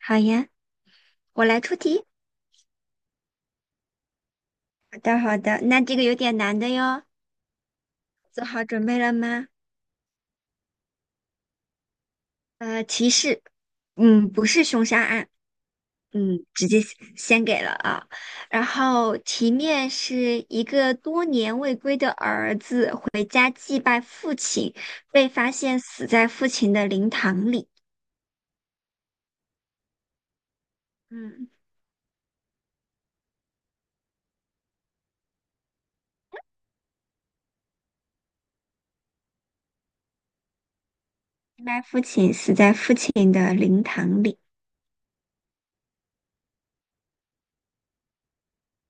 好呀，我来出题。好的，好的，那这个有点难的哟，做好准备了吗？呃，提示，嗯，不是凶杀案，嗯，直接先给了啊。然后题面是一个多年未归的儿子回家祭拜父亲，被发现死在父亲的灵堂里。嗯，祭拜父亲，死在父亲的灵堂里。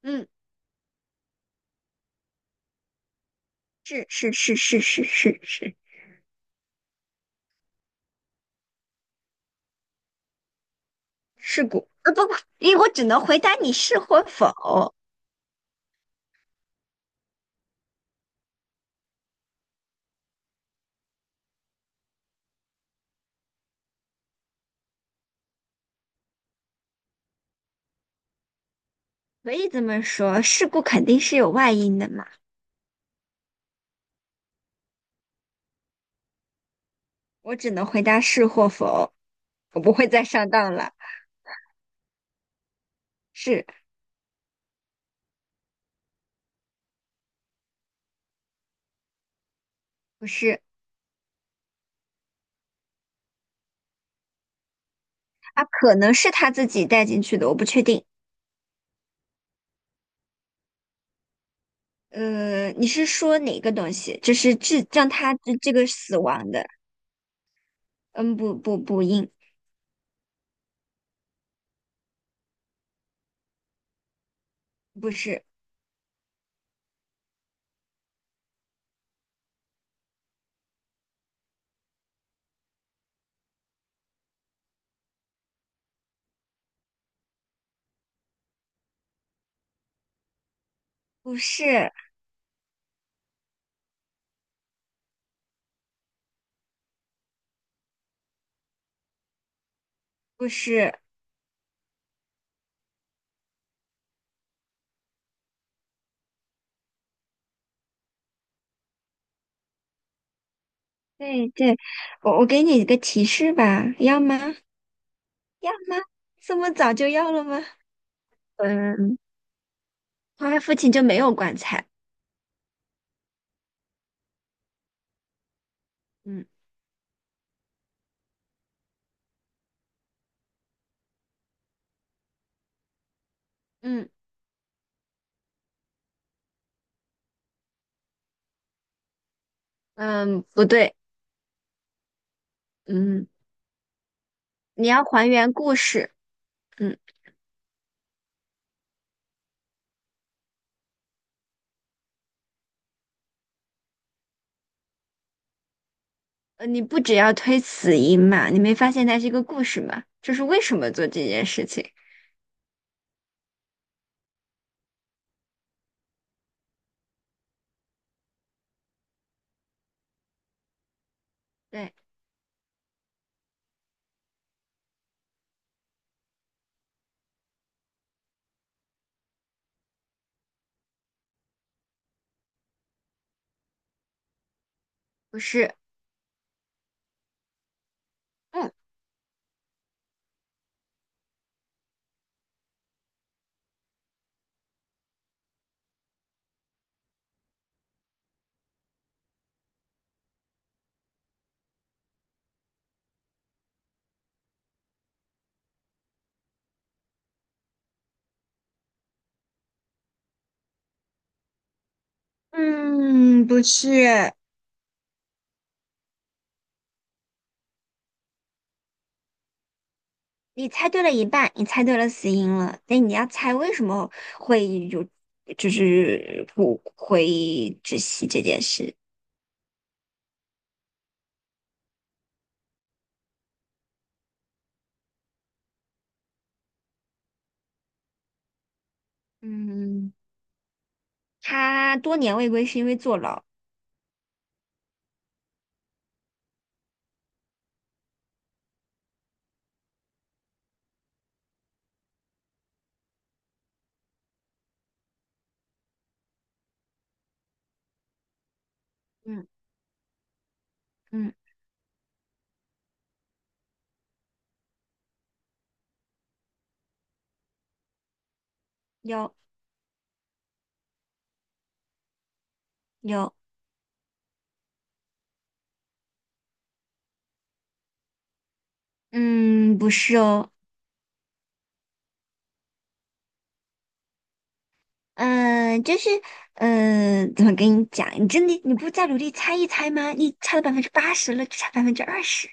嗯，是,是,是。事故，不，因为我只能回答你是或否，可以这么说，事故肯定是有外因的嘛，我只能回答是或否，我不会再上当了，是不是？啊，可能是他自己带进去的，我不确定。你是说哪个东西？就是致让他这个死亡的？嗯，不，不是，不是，不是。对对，我给你一个提示吧，要吗？要吗？这么早就要了吗？嗯，他父亲就没有棺材。嗯。嗯。嗯，不对。嗯，你要还原故事，嗯。你不只要推死因嘛，你没发现它是一个故事吗？就是为什么做这件事情？对，不是，嗯。嗯，不是。你猜对了一半，你猜对了死因了，那你要猜为什么会有，就是不会窒息这件事。嗯，他多年未归是因为坐牢。嗯。嗯，有。有。嗯，不是哦。嗯，就是，嗯，怎么跟你讲？你真的你不再努力猜一猜吗？你猜了80%了，就差百分之二十，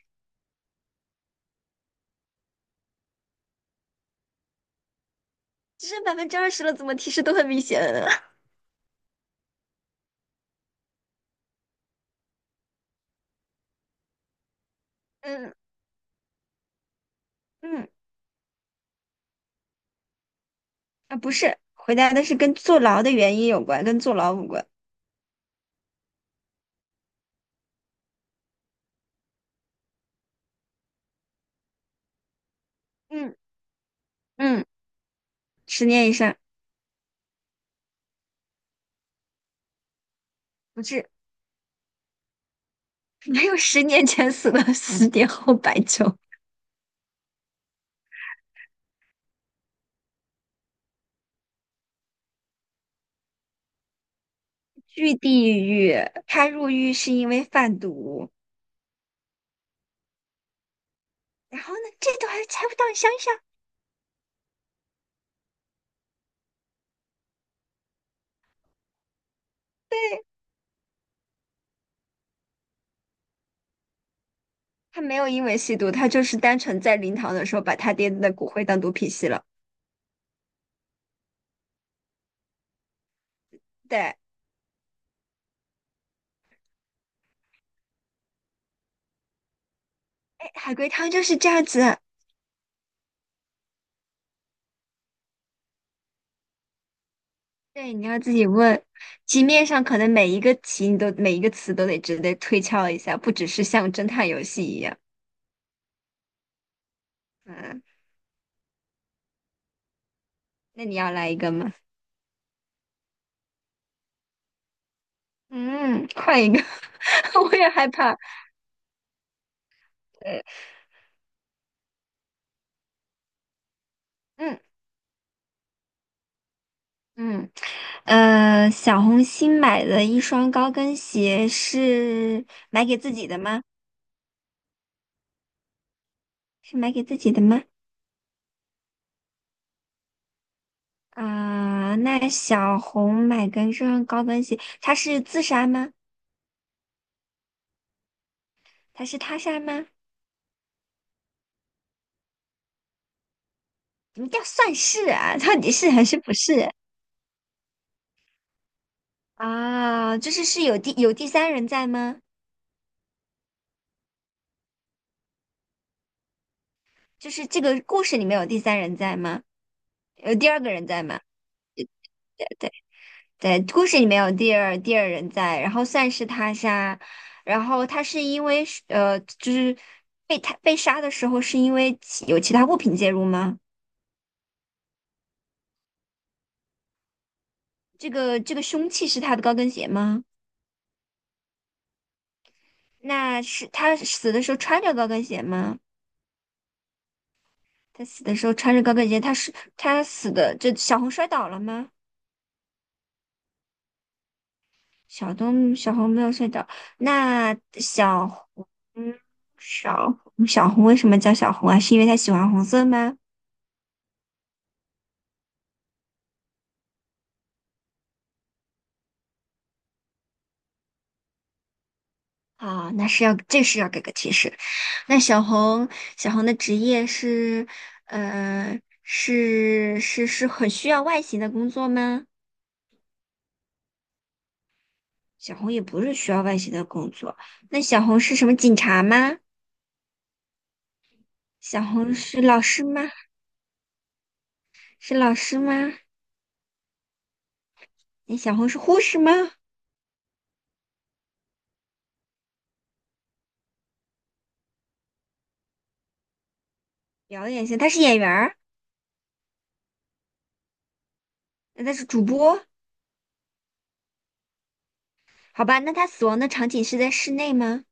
只剩百分之二十了，怎么提示都很明显了。嗯。嗯，啊，不是，回答的是跟坐牢的原因有关，跟坐牢无关。嗯。嗯，10年以上。不是，没有，10年前死了，10年后白酒。去地狱，他入狱是因为贩毒。然后呢，这都还猜不到，你想一想。他没有因为吸毒，他就是单纯在灵堂的时候把他爹的骨灰当毒品吸了。对，哎，海龟汤就是这样子。对，你要自己问，题面上可能每一个题你都每一个词都得值得推敲一下，不只是像侦探游戏一样。那你要来一个吗？嗯，换一个，我也害怕。对。嗯嗯。小红新买的一双高跟鞋是买给自己的吗？是买给自己的吗？啊，那小红买跟这双高跟鞋，她是自杀吗？她是他杀吗？什么叫算是啊，到底是还是不是啊？就是是有第三人在吗？就是这个故事里面有第三人在吗？有第二个人在吗？对。对，故事里面有第二人在，然后算是他杀，然后他是因为是，就是被他被杀的时候是因为有其他物品介入吗？这个凶器是他的高跟鞋吗？那是他死的时候穿着高跟鞋吗？他死的时候穿着高跟鞋，他是他死的，这小红摔倒了吗？小红没有摔倒，那红小小红为什么叫小红啊？是因为她喜欢红色吗？啊，那是要这是要给个提示。那小红的职业是呃是很需要外形的工作吗？小红也不是需要外形的工作。那小红是什么警察吗？小红是老师吗？是老师吗？那小红是护士吗？表演型，她是演员儿，那她是主播，好吧？那她死亡的场景是在室内吗？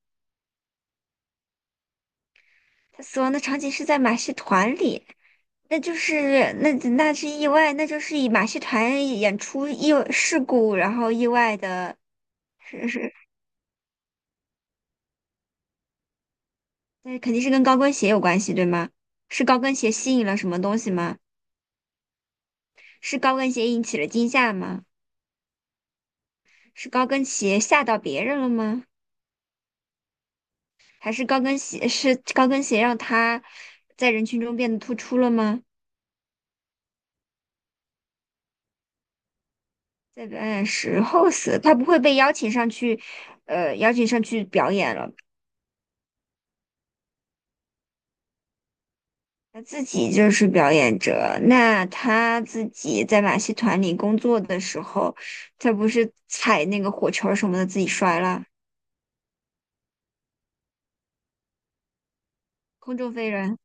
她死亡的场景是在马戏团里，那就是那那是意外，那就是以马戏团演出意外事故，然后意外的，是是，那肯定是跟高跟鞋有关系，对吗？是高跟鞋吸引了什么东西吗？是高跟鞋引起了惊吓吗？是高跟鞋吓到别人了吗？还是高跟鞋是高跟鞋让他在人群中变得突出了吗？在表演时候死，他不会被邀请上去，呃，邀请上去表演了。他自己就是表演者，那他自己在马戏团里工作的时候，他不是踩那个火球什么的自己摔了，空中飞人。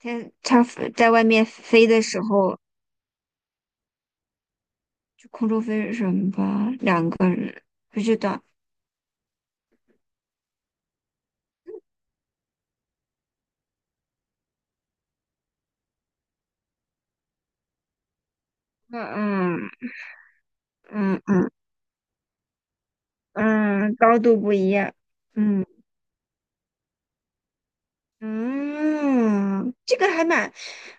他他在外面飞的时候，就空中飞人吧，两个人不知道。嗯。嗯。嗯。嗯。嗯，高度不一样。嗯。嗯，这个还蛮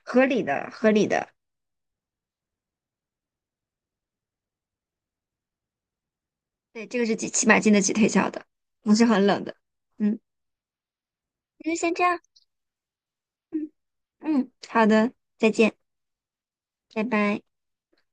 合理的，合理的。对，这个是几起码经得起推敲的，不是很冷的。嗯，那就先这样。嗯。嗯，好的，再见，拜拜。